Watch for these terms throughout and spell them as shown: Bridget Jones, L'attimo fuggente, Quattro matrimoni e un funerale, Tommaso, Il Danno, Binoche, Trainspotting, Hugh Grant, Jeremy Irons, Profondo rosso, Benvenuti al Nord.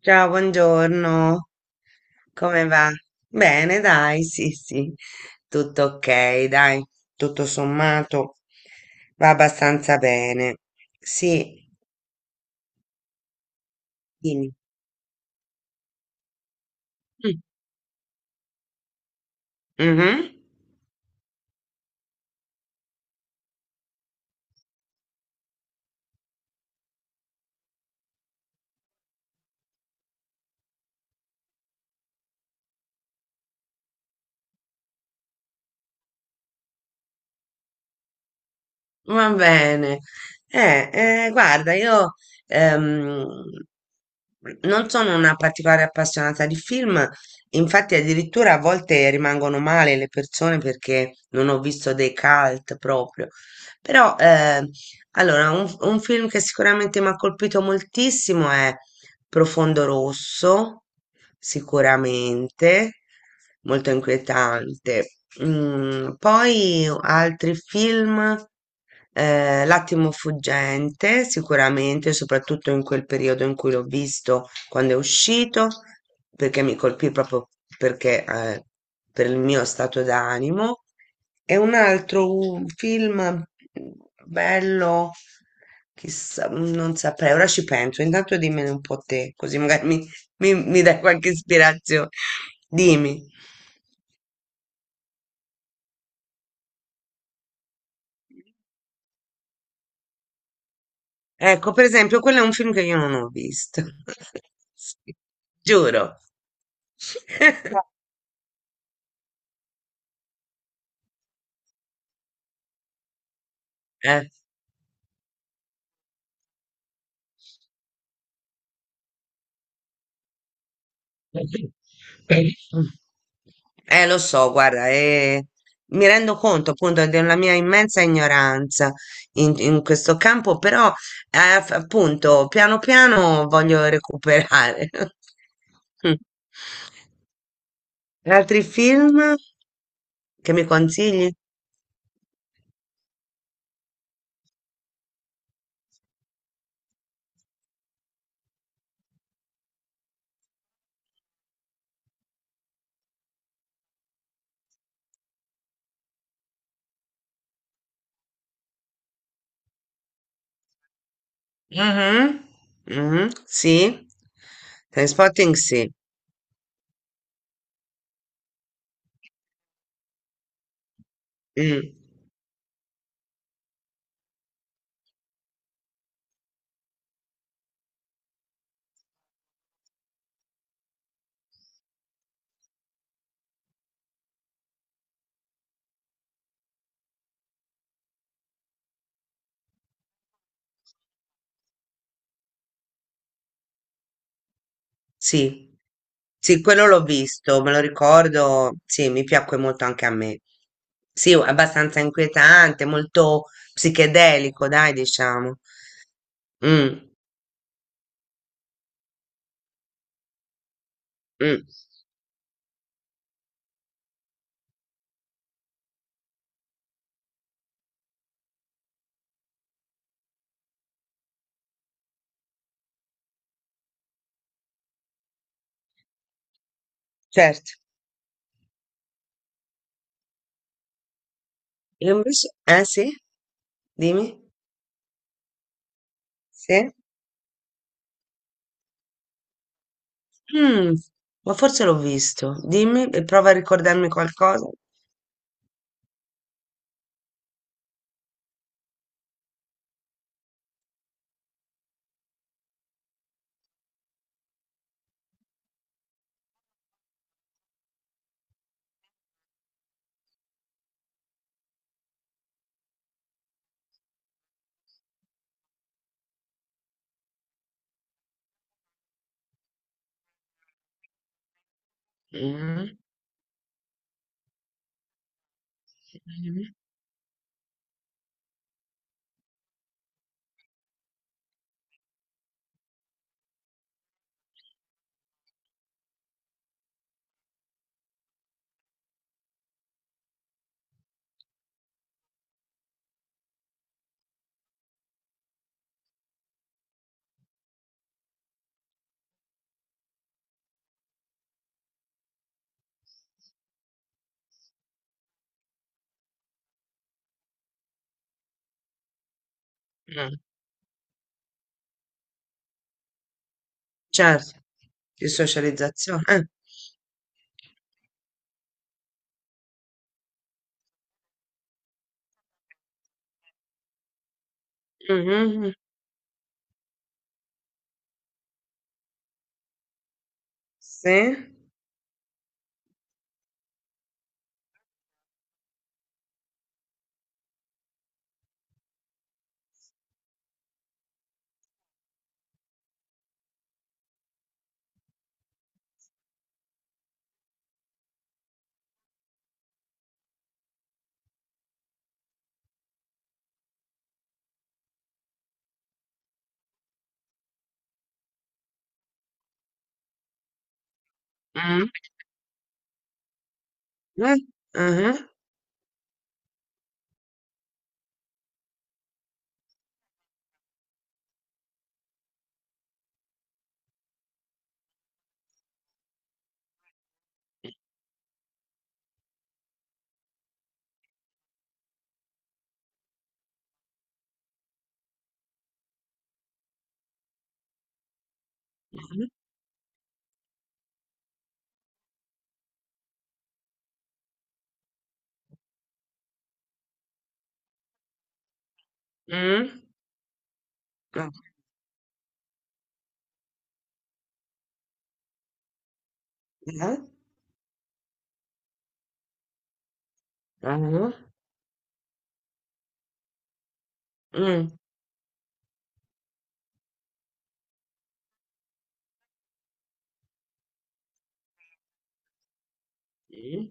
Ciao, buongiorno, come va? Bene, dai, sì, sì, tutto ok, dai, tutto sommato va abbastanza bene. Sì, dimmi. Mm. Mhm. Va bene. Eh, guarda, io ehm, non sono una particolare appassionata di film, infatti addirittura a volte rimangono male le persone perché non ho visto dei cult proprio. Però, allora, un film che sicuramente mi ha colpito moltissimo è Profondo Rosso, sicuramente, molto inquietante. Mm, poi altri film, L'attimo fuggente, sicuramente, soprattutto in quel periodo in cui l'ho visto, quando è uscito, perché mi colpì proprio perché, eh, per il mio stato d'animo. E un altro un film bello, chissà, non saprei, ora ci penso. Intanto dimmene un po' te, così magari mi dai qualche ispirazione. Dimmi. Ecco, per esempio, quello è un film che io non ho visto. Sì, giuro. No, eh. Lo so, guarda, mi rendo conto appunto della mia immensa ignoranza in questo campo, però appunto piano piano voglio recuperare. Mm. Altri film che mi consigli? Mhm, mhm, sì, Trainspotting sì. Mm. Sì, sì, quello l'ho visto, me lo ricordo, sì, mi piacque molto anche a me. Sì, abbastanza inquietante, molto psichedelico, dai, diciamo. Mm, mm, certo. E invece, eh sì, dimmi, sì. Mm, ma forse l'ho visto, dimmi, e prova a ricordarmi qualcosa. Mm, mm, mm. Certo, di socializzazione, eh. Mhm, sì. Mm, eh, mhm. Mh. Ah. Ah-ah. Ah-ah. Mh. Mh.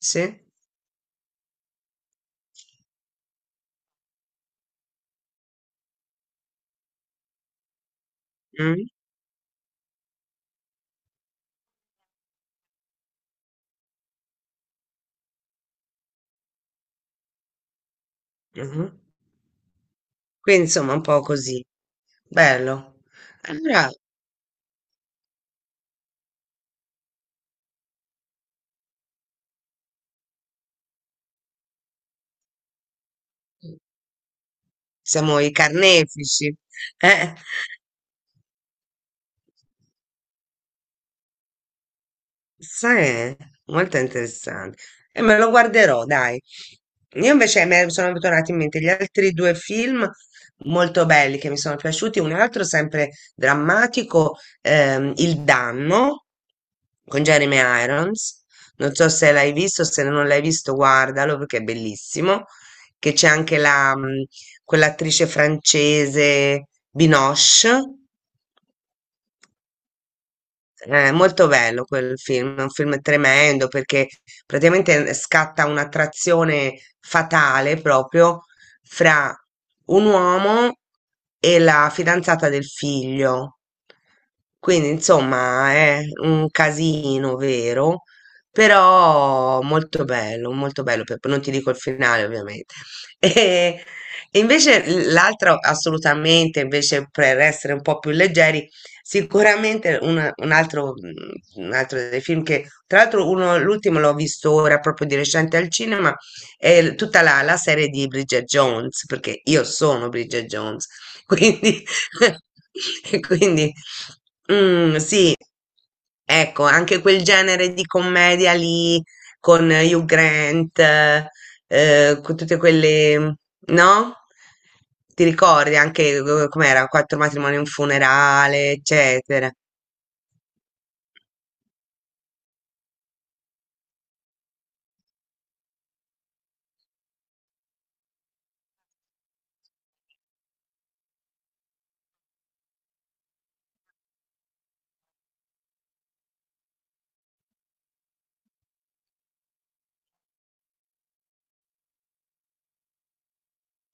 Sì. Mh. Ah-ah. Quindi insomma un po' così. Bello. Allora siamo i carnefici, eh. Sai, eh? Molto interessante. E me lo guarderò, dai. Io invece mi sono tornati in mente gli altri due film molto belli che mi sono piaciuti. Un altro sempre drammatico, Il Danno con Jeremy Irons. Non so se l'hai visto, se non l'hai visto, guardalo perché è bellissimo. Che c'è anche quell'attrice francese Binoche. È molto bello quel film, è un film tremendo perché praticamente scatta un'attrazione fatale proprio fra un uomo e la fidanzata del figlio. Quindi, insomma, è un casino vero, però molto bello, molto bello. Non ti dico il finale, ovviamente. E invece l'altro assolutamente, invece per essere un po' più leggeri, sicuramente un altro dei film che, tra l'altro, l'ultimo l'ho visto ora proprio di recente al cinema, è tutta la serie di Bridget Jones, perché io sono Bridget Jones, quindi, quindi mm, sì, ecco, anche quel genere di commedia lì con Hugh Grant con tutte quelle, no? Ti ricordi anche com'era? Quattro matrimoni e un funerale, eccetera.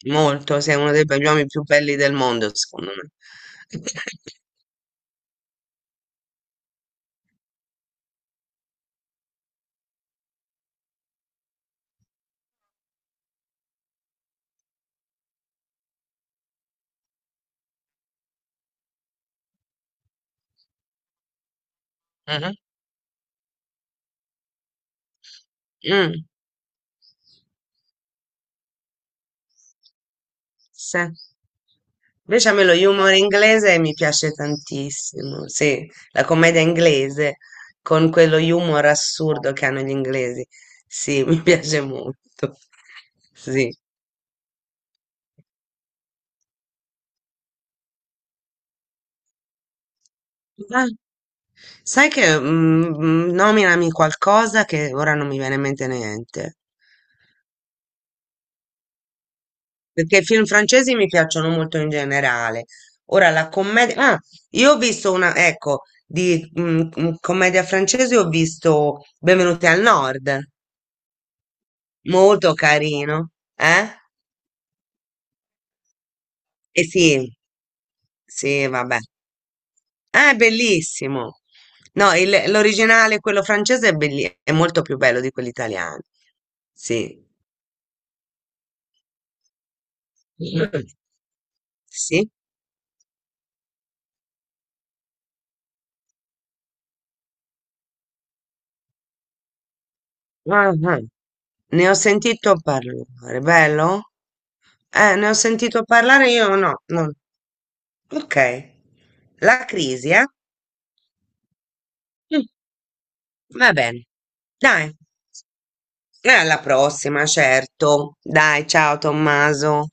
Molto, sei uno gli uomini più belli del mondo, secondo me. Mhm. Mm, sì. Invece a me lo humor inglese mi piace tantissimo, sì, la commedia inglese con quello humor assurdo che hanno gli inglesi, sì, mi piace molto, sì. Sai che nominami qualcosa che ora non mi viene in mente niente, perché i film francesi mi piacciono molto in generale. Ora la commedia... Ah, io ho visto una, ecco, di commedia francese ho visto Benvenuti al Nord, molto carino, eh? E sì, sì, vabbè. Ah, è bellissimo. No, l'originale, quello francese, è, è molto più bello di quello italiano. Sì. Sì? Ah, ah. Ne ho sentito parlare, bello? Ne ho sentito parlare io, no, no. Ok. La Crisi, eh? Mm, va bene. Dai, e alla prossima, certo. Dai, ciao Tommaso.